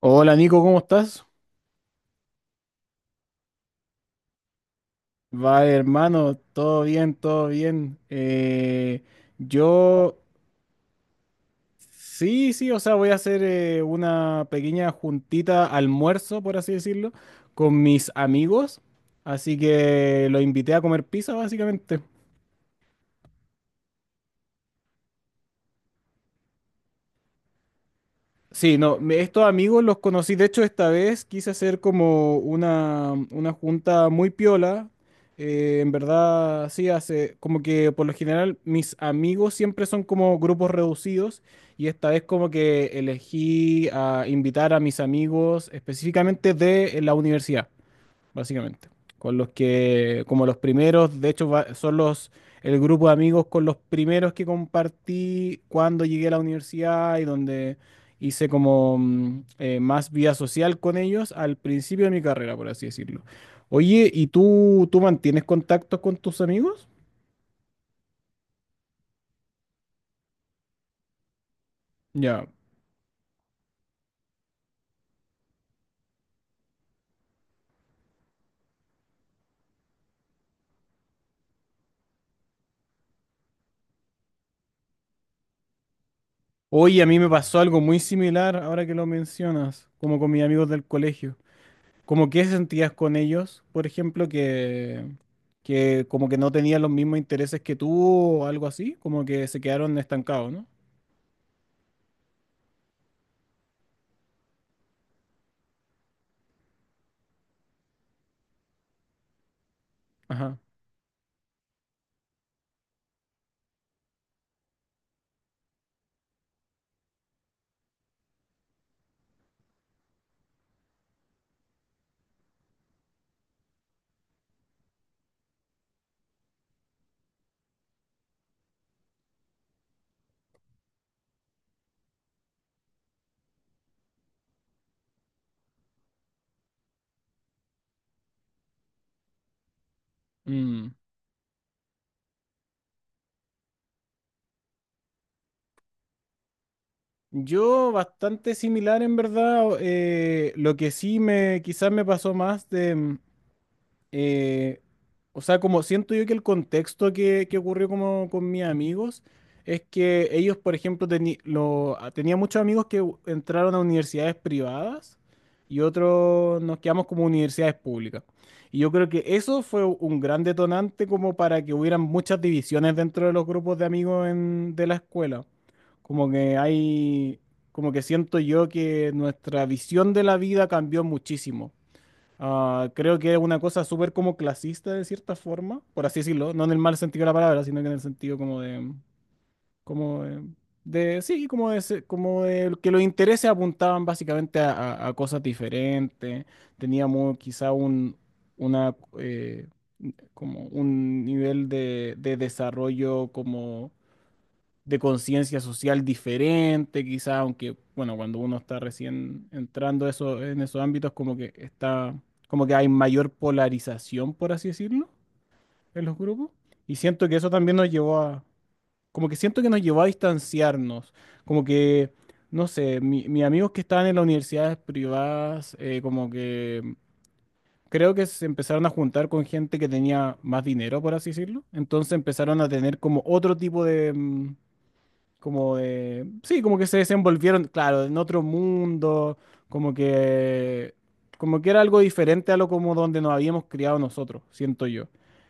Hola Nico, ¿cómo estás? Va hermano, todo bien, todo bien. Yo. Sí, sí, o sea, voy a hacer una pequeña juntita almuerzo, por así decirlo, con mis amigos. Así que los invité a comer pizza, básicamente. Sí, no, estos amigos los conocí. De hecho, esta vez quise hacer como una junta muy piola. En verdad, sí, hace como que por lo general mis amigos siempre son como grupos reducidos, y esta vez como que elegí a invitar a mis amigos específicamente de la universidad básicamente. Con los que, como los primeros, de hecho, son el grupo de amigos con los primeros que compartí cuando llegué a la universidad y donde hice como más vida social con ellos al principio de mi carrera, por así decirlo. Oye, ¿y tú mantienes contactos con tus amigos? Ya. Oye, a mí me pasó algo muy similar ahora que lo mencionas, como con mis amigos del colegio. ¿Cómo qué sentías con ellos, por ejemplo, que como que no tenían los mismos intereses que tú o algo así, como que se quedaron estancados, ¿no? Ajá. Mm. Yo bastante similar en verdad. Lo que sí me quizás me pasó más de, eh, o sea, como siento yo que el contexto que ocurrió como con mis amigos es que ellos, por ejemplo, tenía muchos amigos que entraron a universidades privadas y otros nos quedamos como universidades públicas. Y yo creo que eso fue un gran detonante como para que hubieran muchas divisiones dentro de los grupos de amigos de la escuela. Como que hay, Como que siento yo que nuestra visión de la vida cambió muchísimo. Ah, creo que es una cosa súper como clasista de cierta forma, por así decirlo, no en el mal sentido de la palabra, sino que en el sentido como de, sí, como de que los intereses apuntaban básicamente a cosas diferentes. Teníamos quizá una, como un nivel de desarrollo como de conciencia social diferente, quizá, aunque, bueno, cuando uno está recién entrando eso, en esos ámbitos, como que hay mayor polarización, por así decirlo, en los grupos. Y siento que eso también como que siento que nos llevó a distanciarnos. como que, no sé, mis amigos que estaban en las universidades privadas, como que... Creo que se empezaron a juntar con gente que tenía más dinero, por así decirlo. Entonces empezaron a tener como otro tipo de, como sí, como que se desenvolvieron, claro, en otro mundo, como que como que era algo diferente a lo como donde nos habíamos criado nosotros, siento yo.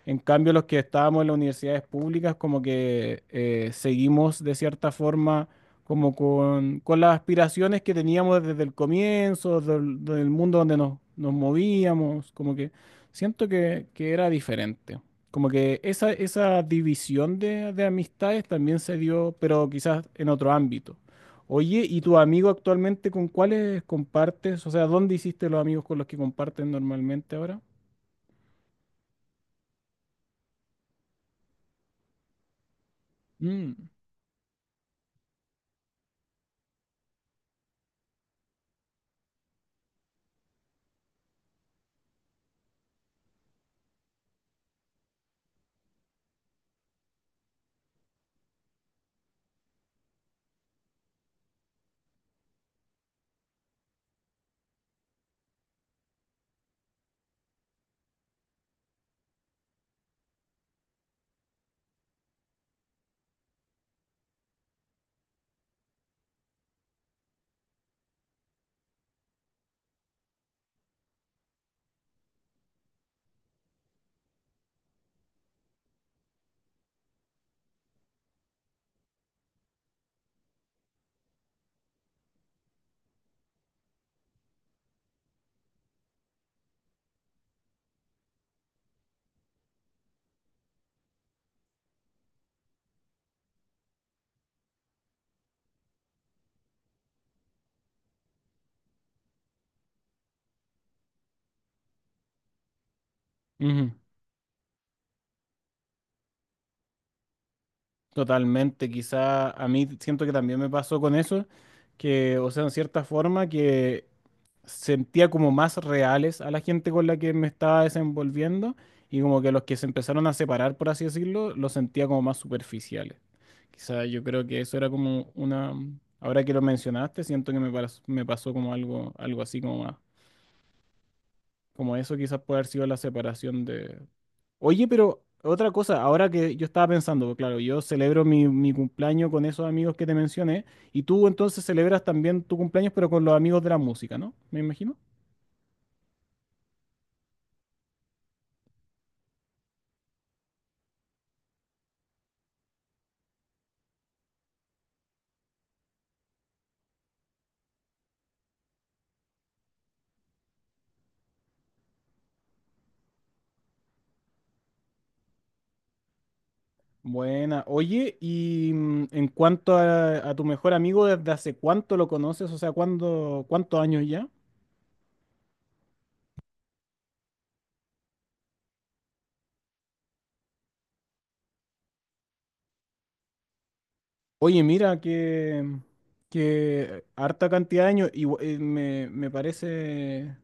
En cambio, los que estábamos en las universidades públicas, como que seguimos de cierta forma como con las aspiraciones que teníamos desde el comienzo, del mundo donde nos movíamos, como que siento que era diferente. Como que esa división de amistades también se dio, pero quizás en otro ámbito. Oye, ¿y tu amigo actualmente con cuáles compartes? O sea, ¿dónde hiciste los amigos con los que comparten normalmente ahora? Mm, ujú. Totalmente, quizá a mí siento que también me pasó con eso, que, o sea, en cierta forma que sentía como más reales a la gente con la que me estaba desenvolviendo, y como que los que se empezaron a separar, por así decirlo, los sentía como más superficiales. Quizá yo creo que eso era como una, ahora que lo mencionaste, siento que me pasó como algo, algo así como más, como eso quizás puede haber sido la separación de. Oye, pero otra cosa, ahora que yo estaba pensando, claro, yo celebro mi cumpleaños con esos amigos que te mencioné, y tú entonces celebras también tu cumpleaños, pero con los amigos de la música, ¿no? Me imagino. Buena. Oye, y en cuanto a tu mejor amigo, ¿desde hace cuánto lo conoces? O sea, ¿cuándo, cuántos años ya? Oye, mira, que harta cantidad de años, y, me parece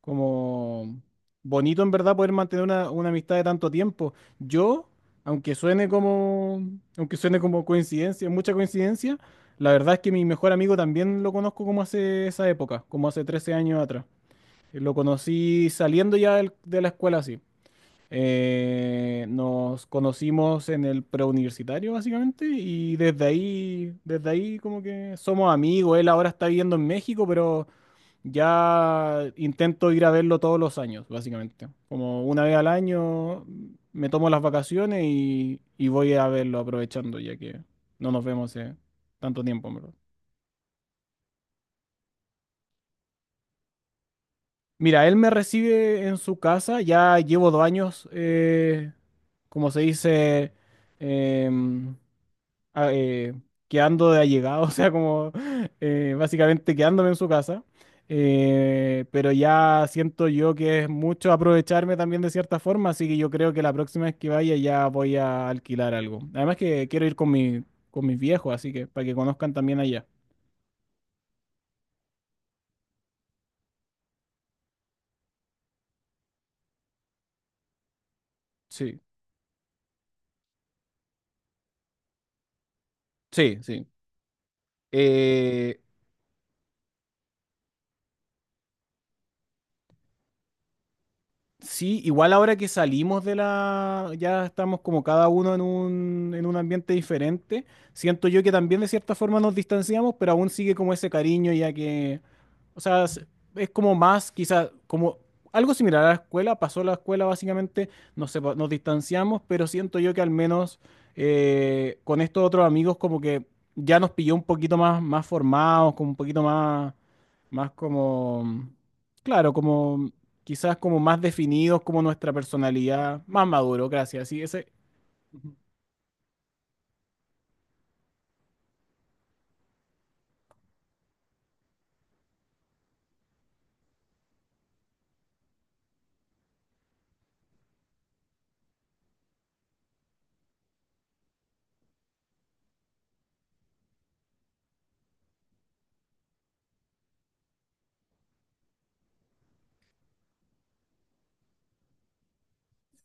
como bonito en verdad poder mantener una amistad de tanto tiempo. Yo, aunque suene como, aunque suene como coincidencia, mucha coincidencia, la verdad es que mi mejor amigo también lo conozco como hace esa época, como hace 13 años atrás. Lo conocí saliendo ya de la escuela así. Nos conocimos en el preuniversitario básicamente y desde ahí como que somos amigos. Él ahora está viviendo en México, pero ya intento ir a verlo todos los años, básicamente. Como una vez al año me tomo las vacaciones y voy a verlo aprovechando, ya que no nos vemos hace tanto tiempo, en verdad. Mira, él me recibe en su casa, ya llevo 2 años, como se dice, em, a- eh, quedando de allegado, o sea, como básicamente quedándome en su casa. Pero ya siento yo que es mucho aprovecharme también de cierta forma, así que yo creo que la próxima vez que vaya ya voy a alquilar algo. Además que quiero ir con con mis viejos, así que para que conozcan también allá. Sí, sí, sí. Eh, Sí, igual ahora que salimos de ya estamos como cada uno en en un ambiente diferente, siento yo que también de cierta forma nos distanciamos, pero aún sigue como ese cariño ya que, o sea, es como más, quizás, como algo similar a la escuela, pasó la escuela básicamente. Nos distanciamos, pero siento yo que al menos con estos otros amigos como que ya nos pilló un poquito más, más formados, como un poquito más, más como, claro, como quizás como más definidos como nuestra personalidad, más maduro, gracias. Sí, ese.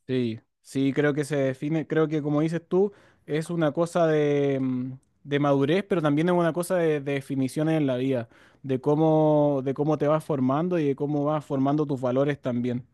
Sí, sí, creo que se define, creo que como dices tú, es una cosa de, de madurez, pero también es una cosa de definiciones en la vida, de cómo te vas formando y de cómo vas formando tus valores también.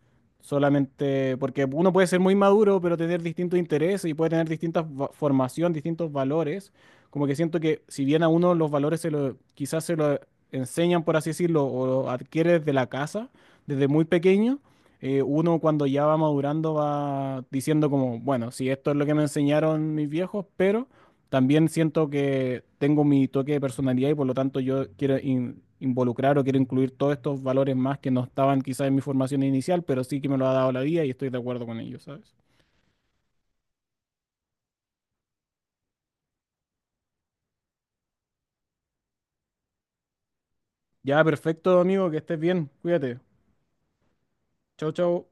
Solamente porque uno puede ser muy maduro, pero tener distintos intereses y puede tener distintas formación, distintos valores. Como que siento que si bien a uno los valores quizás se lo enseñan, por así decirlo, o lo adquieres de la casa, desde muy pequeño. Uno cuando ya va madurando va diciendo como, bueno, si esto es lo que me enseñaron mis viejos, pero también siento que tengo mi toque de personalidad y por lo tanto yo quiero involucrar o quiero incluir todos estos valores más que no estaban quizás en mi formación inicial, pero sí que me lo ha dado la vida y estoy de acuerdo con ellos, ¿sabes? Ya, perfecto, amigo, que estés bien, cuídate. Chau, chau.